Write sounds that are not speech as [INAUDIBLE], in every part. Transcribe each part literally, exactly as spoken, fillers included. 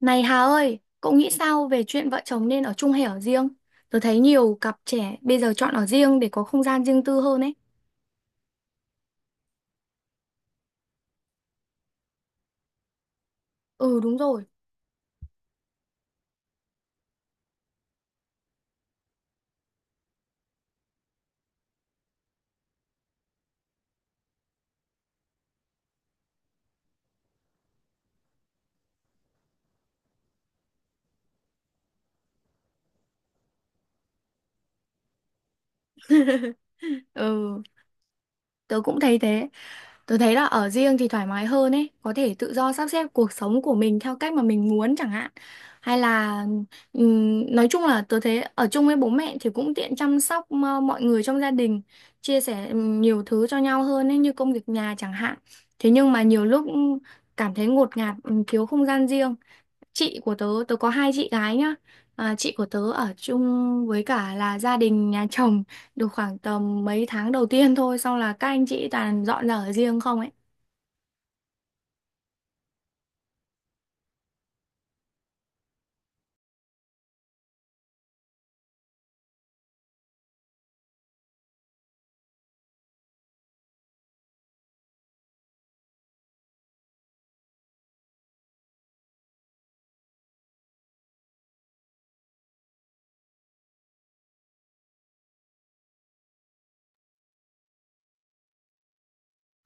Này Hà ơi, cậu nghĩ sao về chuyện vợ chồng nên ở chung hay ở riêng? Tớ thấy nhiều cặp trẻ bây giờ chọn ở riêng để có không gian riêng tư hơn ấy. Ừ, đúng rồi. Ừ, tớ cũng thấy thế. Tớ thấy là ở riêng thì thoải mái hơn ấy, có thể tự do sắp xếp cuộc sống của mình theo cách mà mình muốn chẳng hạn. Hay là ừm, nói chung là tớ thấy ở chung với bố mẹ thì cũng tiện chăm sóc ờ, mọi người trong gia đình, chia sẻ ừm, nhiều thứ cho nhau hơn ấy, như công việc nhà chẳng hạn. Thế nhưng mà nhiều lúc ừm, cảm thấy ngột ngạt, ừm, thiếu không gian riêng. Chị của tớ, tớ có hai chị gái nhá. À, chị của tớ ở chung với cả là gia đình nhà chồng được khoảng tầm mấy tháng đầu tiên thôi, xong là các anh chị toàn dọn ra ở riêng không ấy.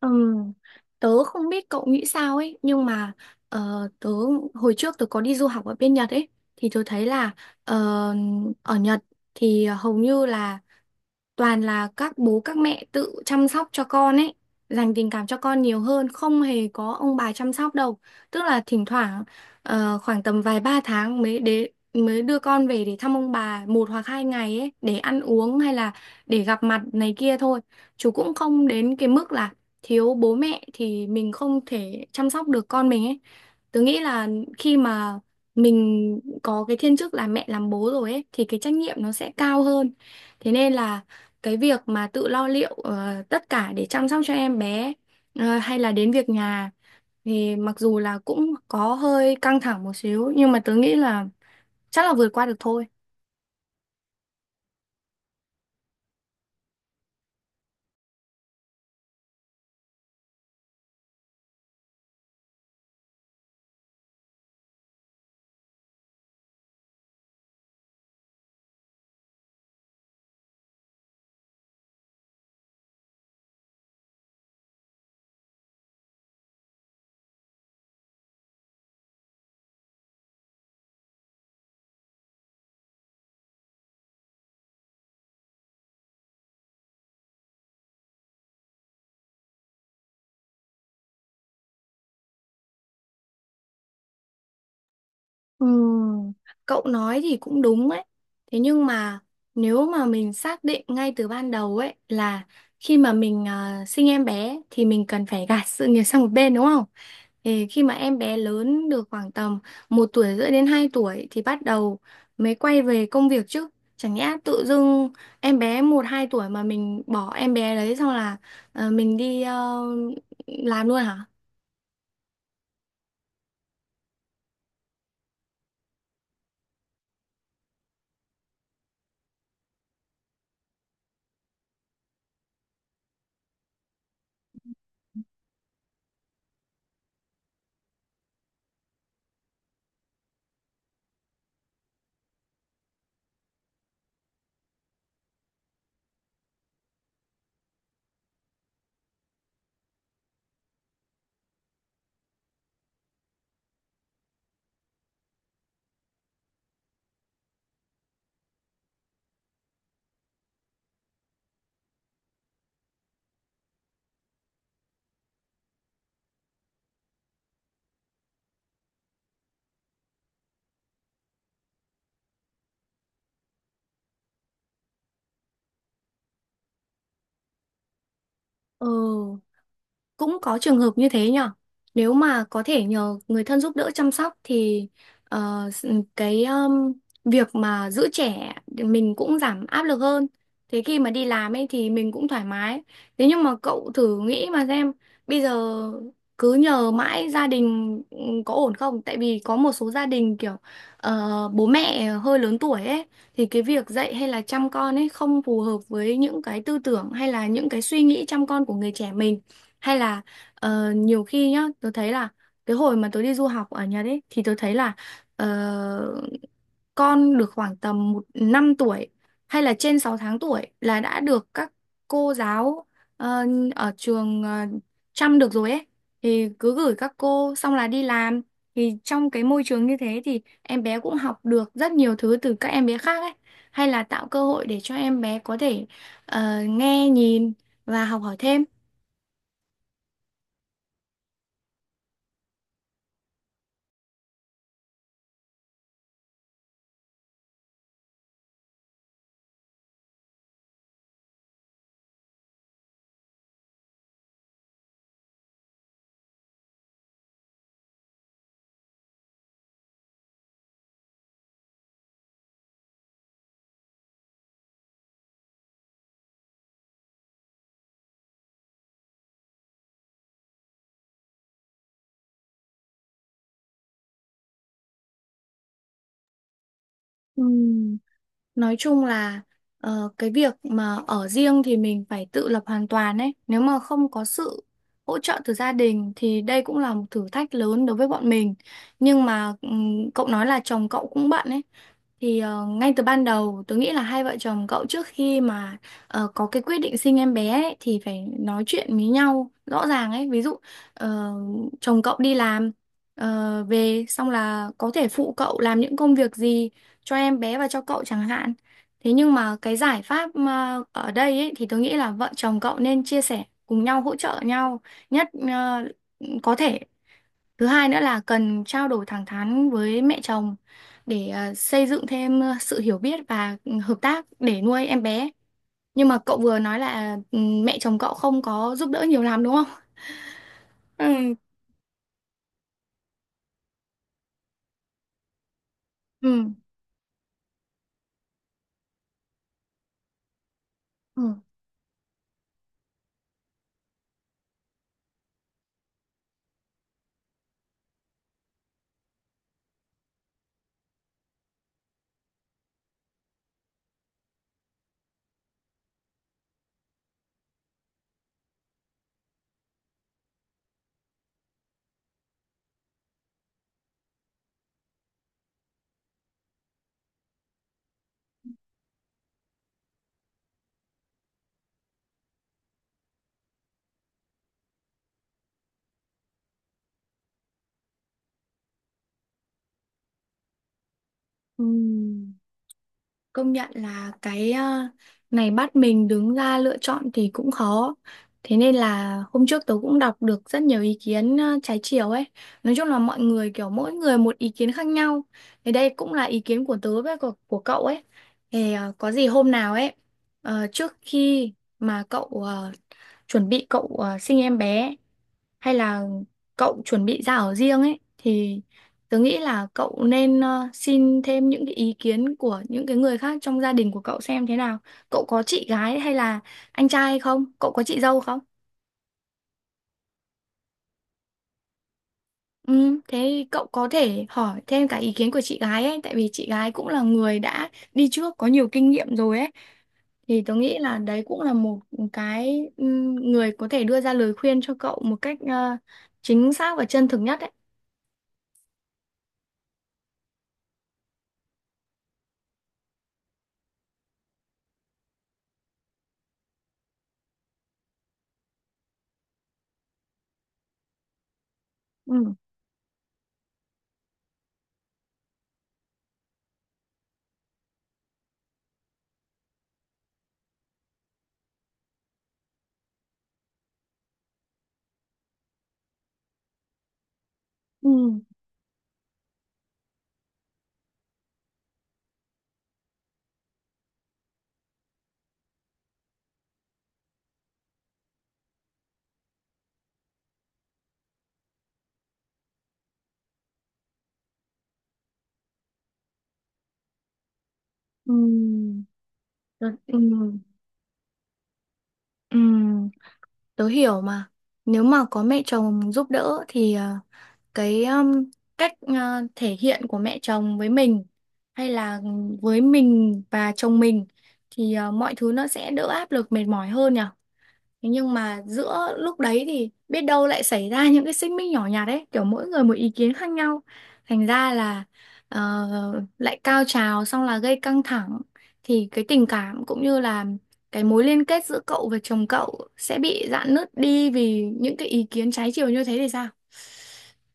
Ừ, tớ không biết cậu nghĩ sao ấy, nhưng mà ờ, tớ hồi trước tớ có đi du học ở bên Nhật ấy, thì tớ thấy là ờ, ở Nhật thì hầu như là toàn là các bố các mẹ tự chăm sóc cho con ấy, dành tình cảm cho con nhiều hơn, không hề có ông bà chăm sóc đâu. Tức là thỉnh thoảng ờ, khoảng tầm vài ba tháng mới để mới đưa con về để thăm ông bà một hoặc hai ngày ấy, để ăn uống hay là để gặp mặt này kia thôi. Chú cũng không đến cái mức là thiếu bố mẹ thì mình không thể chăm sóc được con mình ấy. Tớ nghĩ là khi mà mình có cái thiên chức là mẹ làm bố rồi ấy, thì cái trách nhiệm nó sẽ cao hơn. Thế nên là cái việc mà tự lo liệu ờ, tất cả để chăm sóc cho em bé, ờ, hay là đến việc nhà, thì mặc dù là cũng có hơi căng thẳng một xíu, nhưng mà tớ nghĩ là chắc là vượt qua được thôi. Ừm, Cậu nói thì cũng đúng ấy. Thế nhưng mà nếu mà mình xác định ngay từ ban đầu ấy là khi mà mình ờ, sinh em bé thì mình cần phải gạt sự nghiệp sang một bên, đúng không? Ê, khi mà em bé lớn được khoảng tầm một tuổi rưỡi đến hai tuổi thì bắt đầu mới quay về công việc chứ. Chẳng nhẽ tự dưng em bé một hai tuổi mà mình bỏ em bé đấy, xong là ờ, mình đi ờ, làm luôn hả? Ừ, cũng có trường hợp như thế nhở. Nếu mà có thể nhờ người thân giúp đỡ chăm sóc thì ờ, s- ừ, cái um, việc mà giữ trẻ thì mình cũng giảm áp lực hơn, thế khi mà đi làm ấy thì mình cũng thoải mái. Thế nhưng mà cậu thử nghĩ mà xem, bây giờ cứ nhờ mãi gia đình ừ, có ổn không? Tại vì có một số gia đình kiểu ờ, bố mẹ hơi lớn tuổi ấy, thì cái việc dạy hay là chăm con ấy không phù hợp với những cái tư tưởng hay là những cái suy nghĩ chăm con của người trẻ mình. Hay là ờ, nhiều khi nhá, tôi thấy là cái hồi mà tôi đi du học ở Nhật ấy, thì tôi thấy là ờ, con được khoảng tầm một năm tuổi hay là trên sáu tháng tuổi là đã được các cô giáo ờ, ở trường ờ, chăm được rồi ấy. Thì cứ gửi các cô xong là đi làm, thì trong cái môi trường như thế thì em bé cũng học được rất nhiều thứ từ các em bé khác ấy. Hay là tạo cơ hội để cho em bé có thể ờ, nghe nhìn và học hỏi thêm. Ừ. Nói chung là ờ, cái việc mà ở riêng thì mình phải tự lập hoàn toàn ấy. Nếu mà không có sự hỗ trợ từ gia đình thì đây cũng là một thử thách lớn đối với bọn mình. Nhưng mà ừm, cậu nói là chồng cậu cũng bận ấy. Thì ờ, ngay từ ban đầu tớ nghĩ là hai vợ chồng cậu trước khi mà ờ, có cái quyết định sinh em bé ấy, thì phải nói chuyện với nhau rõ ràng ấy. Ví dụ ờ, chồng cậu đi làm ờ, về xong là có thể phụ cậu làm những công việc gì cho em bé và cho cậu chẳng hạn. Thế nhưng mà cái giải pháp mà ở đây ấy, thì tôi nghĩ là vợ chồng cậu nên chia sẻ cùng nhau, hỗ trợ nhau nhất ờ, có thể. Thứ hai nữa là cần trao đổi thẳng thắn với mẹ chồng để ờ, xây dựng thêm ờ, sự hiểu biết và hợp tác để nuôi em bé. Nhưng mà cậu vừa nói là ừ, mẹ chồng cậu không có giúp đỡ nhiều lắm đúng không? [LAUGHS] Ừ. Ừ. Ừ. Ừ. Công nhận là cái ờ, này bắt mình đứng ra lựa chọn thì cũng khó. Thế nên là hôm trước tớ cũng đọc được rất nhiều ý kiến ờ, trái chiều ấy. Nói chung là mọi người kiểu mỗi người một ý kiến khác nhau. Thì đây cũng là ý kiến của tớ với của, của cậu ấy. Thì ờ, có gì hôm nào ấy, ờ, trước khi mà cậu ờ, chuẩn bị cậu ờ, sinh em bé hay là cậu chuẩn bị ra ở riêng ấy, thì tớ nghĩ là cậu nên ờ, xin thêm những cái ý kiến của những cái người khác trong gia đình của cậu xem thế nào. Cậu có chị gái hay là anh trai hay không? Cậu có chị dâu không? Ừ, thế cậu có thể hỏi thêm cả ý kiến của chị gái ấy, tại vì chị gái cũng là người đã đi trước, có nhiều kinh nghiệm rồi ấy. Thì tôi nghĩ là đấy cũng là một cái ừm, người có thể đưa ra lời khuyên cho cậu một cách ờ, chính xác và chân thực nhất ấy. Ừ. Ừ. Ừ. tớ, ừ, ừ. Tớ hiểu mà. Nếu mà có mẹ chồng giúp đỡ thì ờ, cái um, cách ờ, thể hiện của mẹ chồng với mình, hay là với mình và chồng mình, thì ờ, mọi thứ nó sẽ đỡ áp lực, mệt mỏi hơn nhỉ. Thế nhưng mà giữa lúc đấy thì biết đâu lại xảy ra những cái xích mích nhỏ nhặt ấy, kiểu mỗi người một ý kiến khác nhau. Thành ra là ờ, lại cao trào, xong là gây căng thẳng, thì cái tình cảm cũng như là cái mối liên kết giữa cậu và chồng cậu sẽ bị rạn nứt đi vì những cái ý kiến trái chiều như thế thì sao?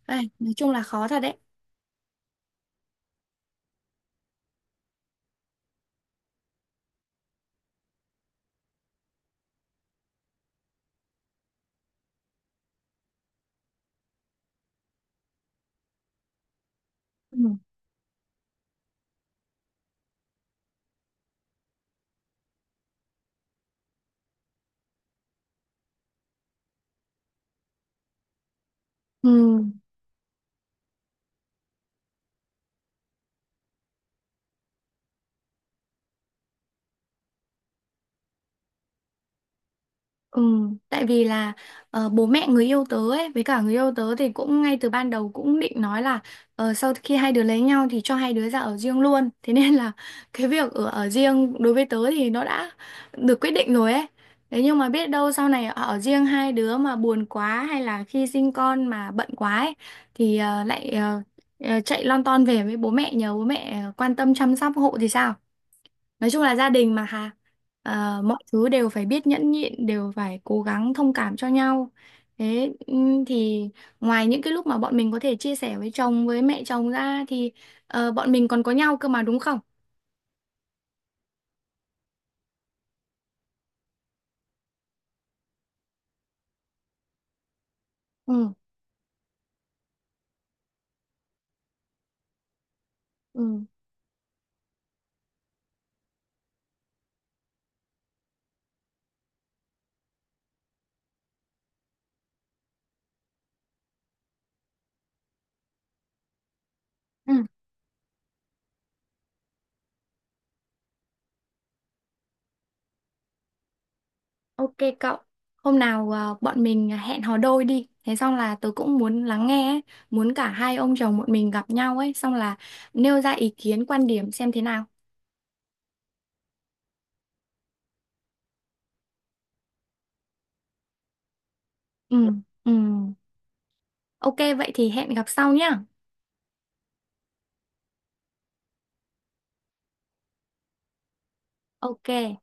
Đây, nói chung là khó thật đấy. Ừ. Ừ. Ừ, tại vì là ờ, bố mẹ người yêu tớ ấy với cả người yêu tớ thì cũng ngay từ ban đầu cũng định nói là ờ, sau khi hai đứa lấy nhau thì cho hai đứa ra ở riêng luôn. [LAUGHS] Thế nên là cái việc ở ở riêng đối với tớ thì nó đã được quyết định rồi ấy. Thế nhưng mà biết đâu sau này ở riêng hai đứa mà buồn quá, hay là khi sinh con mà bận quá ấy, thì ờ, lại ờ, ờ, chạy lon ton về với bố mẹ, nhờ bố mẹ ờ, quan tâm chăm sóc hộ thì sao? Nói chung là gia đình mà Hà. Ờ, mọi thứ đều phải biết nhẫn nhịn, đều phải cố gắng thông cảm cho nhau. Thế ừm, thì ngoài những cái lúc mà bọn mình có thể chia sẻ với chồng, với mẹ chồng ra, thì ờ, bọn mình còn có nhau cơ mà đúng không? Ừ. Ừ. Ừ. OK, cậu hôm nào ờ, bọn mình hẹn hò đôi đi, thế xong là tớ cũng muốn lắng nghe ấy. Muốn cả hai ông chồng bọn mình gặp nhau ấy, xong là nêu ra ý kiến, quan điểm xem thế nào. Ừ. Ừ. OK, vậy thì hẹn gặp sau nhá. OK.